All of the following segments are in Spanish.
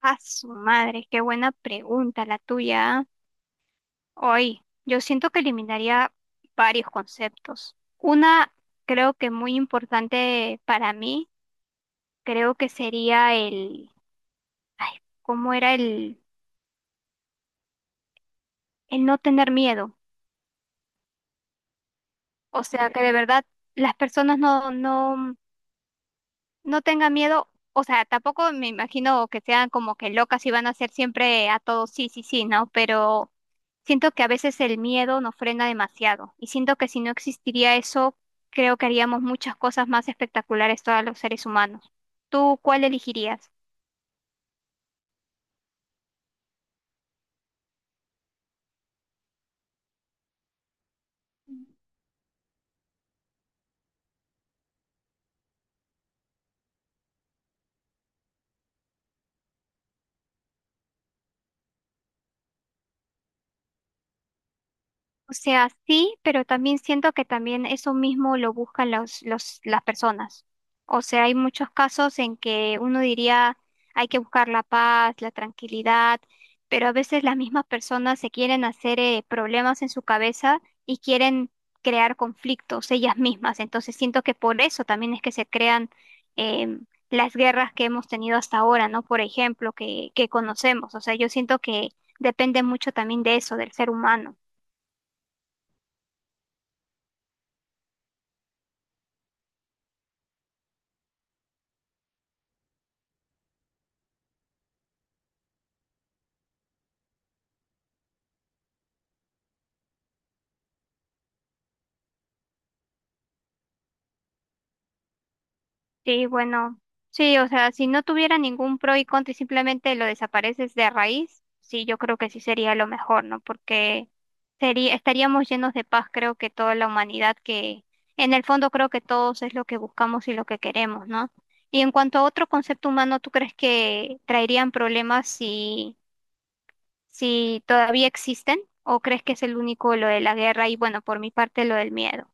A su madre, qué buena pregunta la tuya. Hoy, yo siento que eliminaría varios conceptos. Una, creo que muy importante para mí, creo que sería el, ay, ¿cómo era el no tener miedo? O sea, que de verdad las personas no tenga miedo, o sea, tampoco me imagino que sean como que locas y van a ser siempre a todos sí, sí, sí, ¿no? Pero siento que a veces el miedo nos frena demasiado y siento que si no existiría eso, creo que haríamos muchas cosas más espectaculares todos los seres humanos. ¿Tú cuál elegirías? O sea, sí, pero también siento que también eso mismo lo buscan las personas. O sea, hay muchos casos en que uno diría hay que buscar la paz, la tranquilidad, pero a veces las mismas personas se quieren hacer problemas en su cabeza y quieren crear conflictos ellas mismas. Entonces siento que por eso también es que se crean las guerras que hemos tenido hasta ahora, ¿no? Por ejemplo, que conocemos. O sea, yo siento que depende mucho también de eso, del ser humano. Sí, bueno, sí, o sea, si no tuviera ningún pro y contra y simplemente lo desapareces de raíz, sí, yo creo que sí sería lo mejor, ¿no? Porque sería, estaríamos llenos de paz, creo que toda la humanidad, que en el fondo creo que todos es lo que buscamos y lo que queremos, ¿no? Y en cuanto a otro concepto humano, ¿tú crees que traerían problemas si, si todavía existen? ¿O crees que es el único lo de la guerra y, bueno, por mi parte, lo del miedo?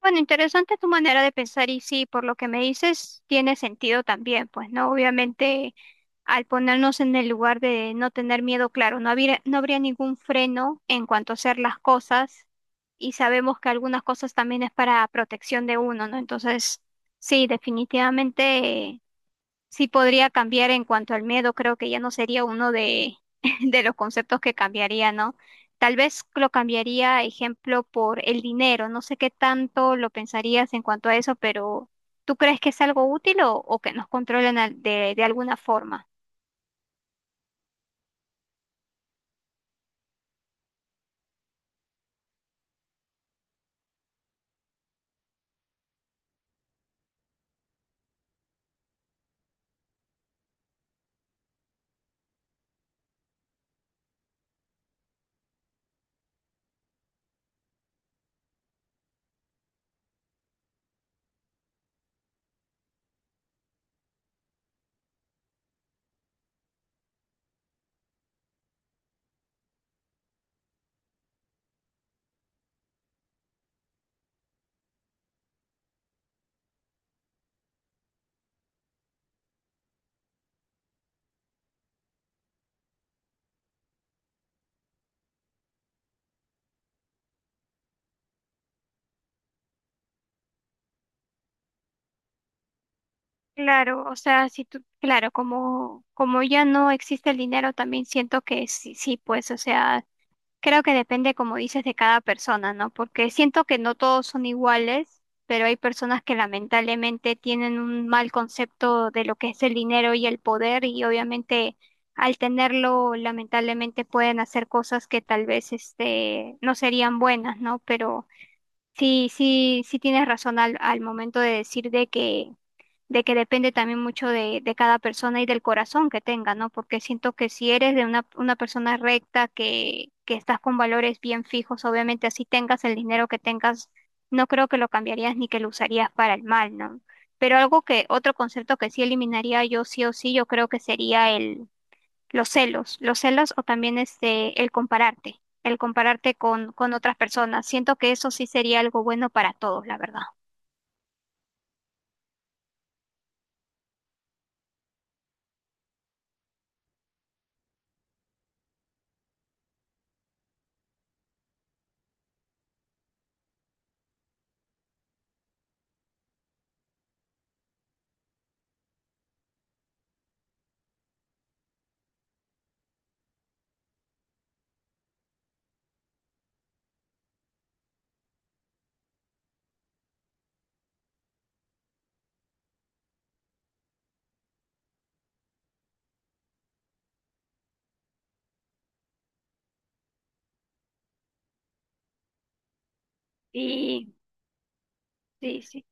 Bueno, interesante tu manera de pensar y sí, por lo que me dices, tiene sentido también, pues, ¿no? Obviamente, al ponernos en el lugar de no tener miedo, claro, no habría ningún freno en cuanto a hacer las cosas y sabemos que algunas cosas también es para protección de uno, ¿no? Entonces, sí, definitivamente sí podría cambiar en cuanto al miedo, creo que ya no sería uno de, de los conceptos que cambiaría, ¿no? Tal vez lo cambiaría, ejemplo, por el dinero. No sé qué tanto lo pensarías en cuanto a eso, pero ¿tú crees que es algo útil o que nos controlen al- de alguna forma? Claro, o sea, si tú, claro, como, como ya no existe el dinero, también siento que sí, sí, pues, o sea, creo que depende, como dices, de cada persona, ¿no? Porque siento que no todos son iguales, pero hay personas que lamentablemente tienen un mal concepto de lo que es el dinero y el poder y obviamente al tenerlo lamentablemente pueden hacer cosas que tal vez este no serían buenas, ¿no? Pero sí, sí, sí tienes razón al, al momento de decir de que depende también mucho de cada persona y del corazón que tenga, ¿no? Porque siento que si eres de una persona recta, que estás con valores bien fijos, obviamente así tengas el dinero que tengas, no creo que lo cambiarías ni que lo usarías para el mal, ¿no? Pero algo que, otro concepto que sí eliminaría yo sí o sí, yo creo que sería el, los celos o también este, el compararte con otras personas. Siento que eso sí sería algo bueno para todos, la verdad. Y sí, sí.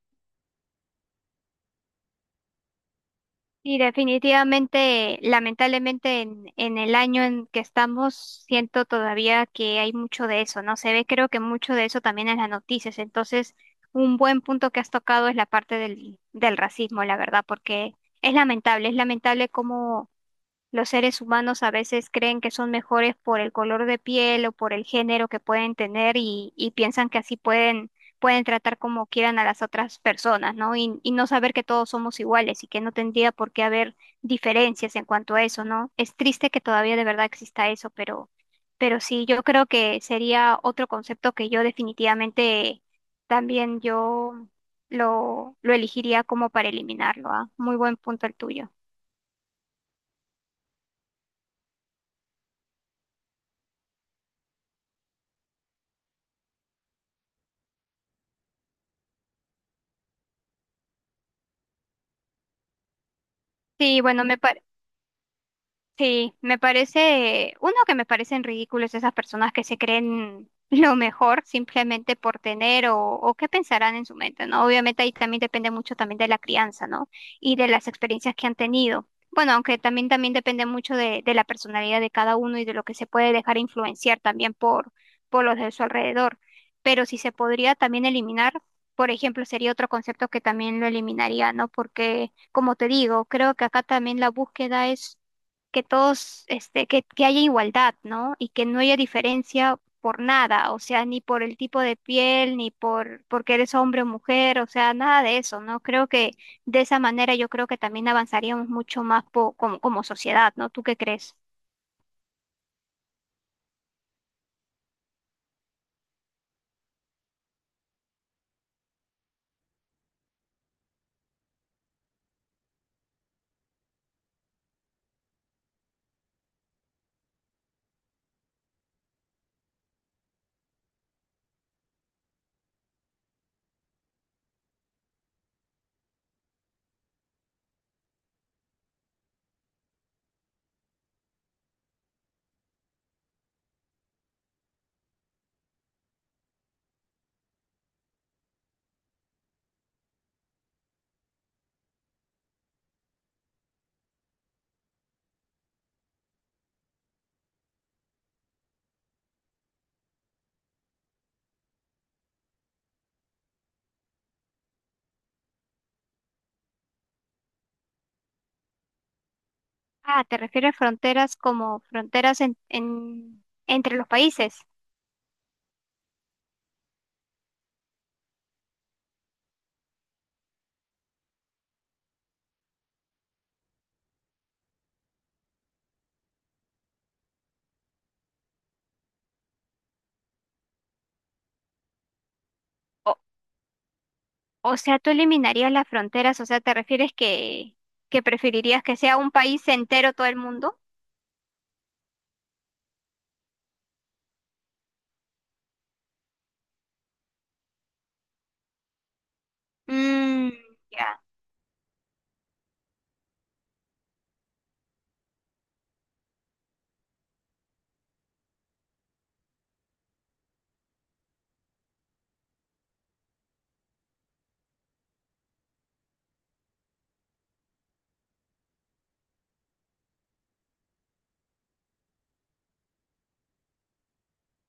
Y definitivamente, lamentablemente, en el año en que estamos, siento todavía que hay mucho de eso, ¿no? Se ve, creo que mucho de eso también en las noticias. Entonces, un buen punto que has tocado es la parte del, del racismo, la verdad, porque es lamentable cómo los seres humanos a veces creen que son mejores por el color de piel o por el género que pueden tener y piensan que así pueden, pueden tratar como quieran a las otras personas, ¿no? Y no saber que todos somos iguales y que no tendría por qué haber diferencias en cuanto a eso, ¿no? Es triste que todavía de verdad exista eso, pero sí, yo creo que sería otro concepto que yo definitivamente también yo lo elegiría como para eliminarlo, ¿ah? Muy buen punto el tuyo. Sí, bueno, me, pa- Sí, me parece, uno que me parecen ridículos esas personas que se creen lo mejor simplemente por tener o qué pensarán en su mente, ¿no? Obviamente ahí también depende mucho también de la crianza, ¿no? Y de las experiencias que han tenido. Bueno, aunque también también depende mucho de la personalidad de cada uno y de lo que se puede dejar influenciar también por los de su alrededor. Pero si se podría también eliminar, por ejemplo, sería otro concepto que también lo eliminaría, ¿no? Porque, como te digo, creo que acá también la búsqueda es que todos, este, que haya igualdad, ¿no? Y que no haya diferencia por nada, o sea, ni por el tipo de piel, ni por porque eres hombre o mujer, o sea, nada de eso, ¿no? Creo que de esa manera yo creo que también avanzaríamos mucho más po- como, como sociedad, ¿no? ¿Tú qué crees? Ah, ¿te refieres fronteras como fronteras en- entre los países? O, o sea, tú eliminarías las fronteras, o sea, ¿te refieres que preferirías que sea un país entero todo el mundo? Mm, ya.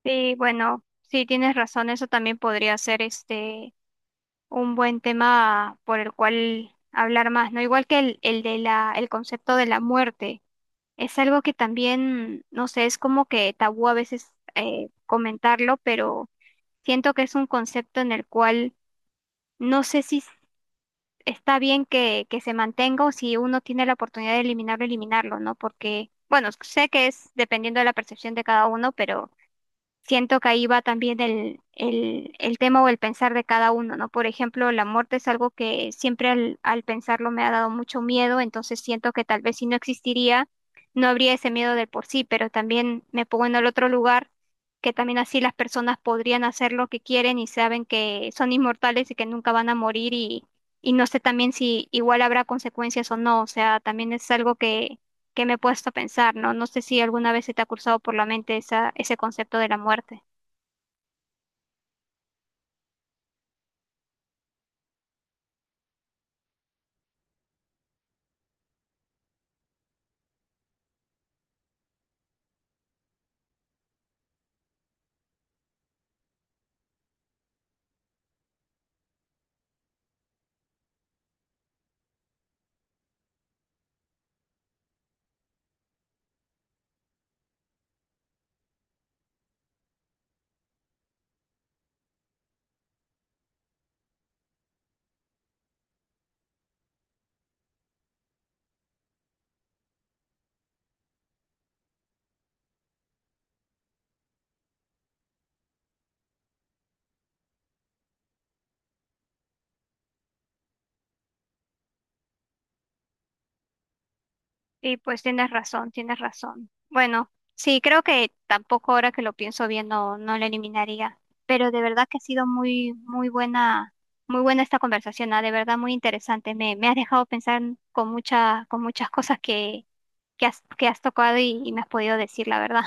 Sí, bueno, sí tienes razón, eso también podría ser este un buen tema por el cual hablar más, ¿no? Igual que el de la, el concepto de la muerte. Es algo que también, no sé, es como que tabú a veces comentarlo, pero siento que es un concepto en el cual no sé si s- está bien que se mantenga o si uno tiene la oportunidad de eliminarlo, eliminarlo, ¿no? Porque, bueno, sé que es dependiendo de la percepción de cada uno, pero siento que ahí va también el tema o el pensar de cada uno, ¿no? Por ejemplo, la muerte es algo que siempre al, al pensarlo me ha dado mucho miedo, entonces siento que tal vez si no existiría, no habría ese miedo de por sí, pero también me pongo en el otro lugar, que también así las personas podrían hacer lo que quieren y saben que son inmortales y que nunca van a morir y no sé también si igual habrá consecuencias o no, o sea, también es algo que me he puesto a pensar, ¿no? No sé si alguna vez se te ha cruzado por la mente esa, ese concepto de la muerte. Y pues tienes razón, tienes razón. Bueno, sí, creo que tampoco ahora que lo pienso bien no, no lo eliminaría. Pero de verdad que ha sido muy, muy buena esta conversación, ¿ah? De verdad muy interesante. Me has dejado pensar con mucha, con muchas cosas que has tocado y me has podido decir, la verdad.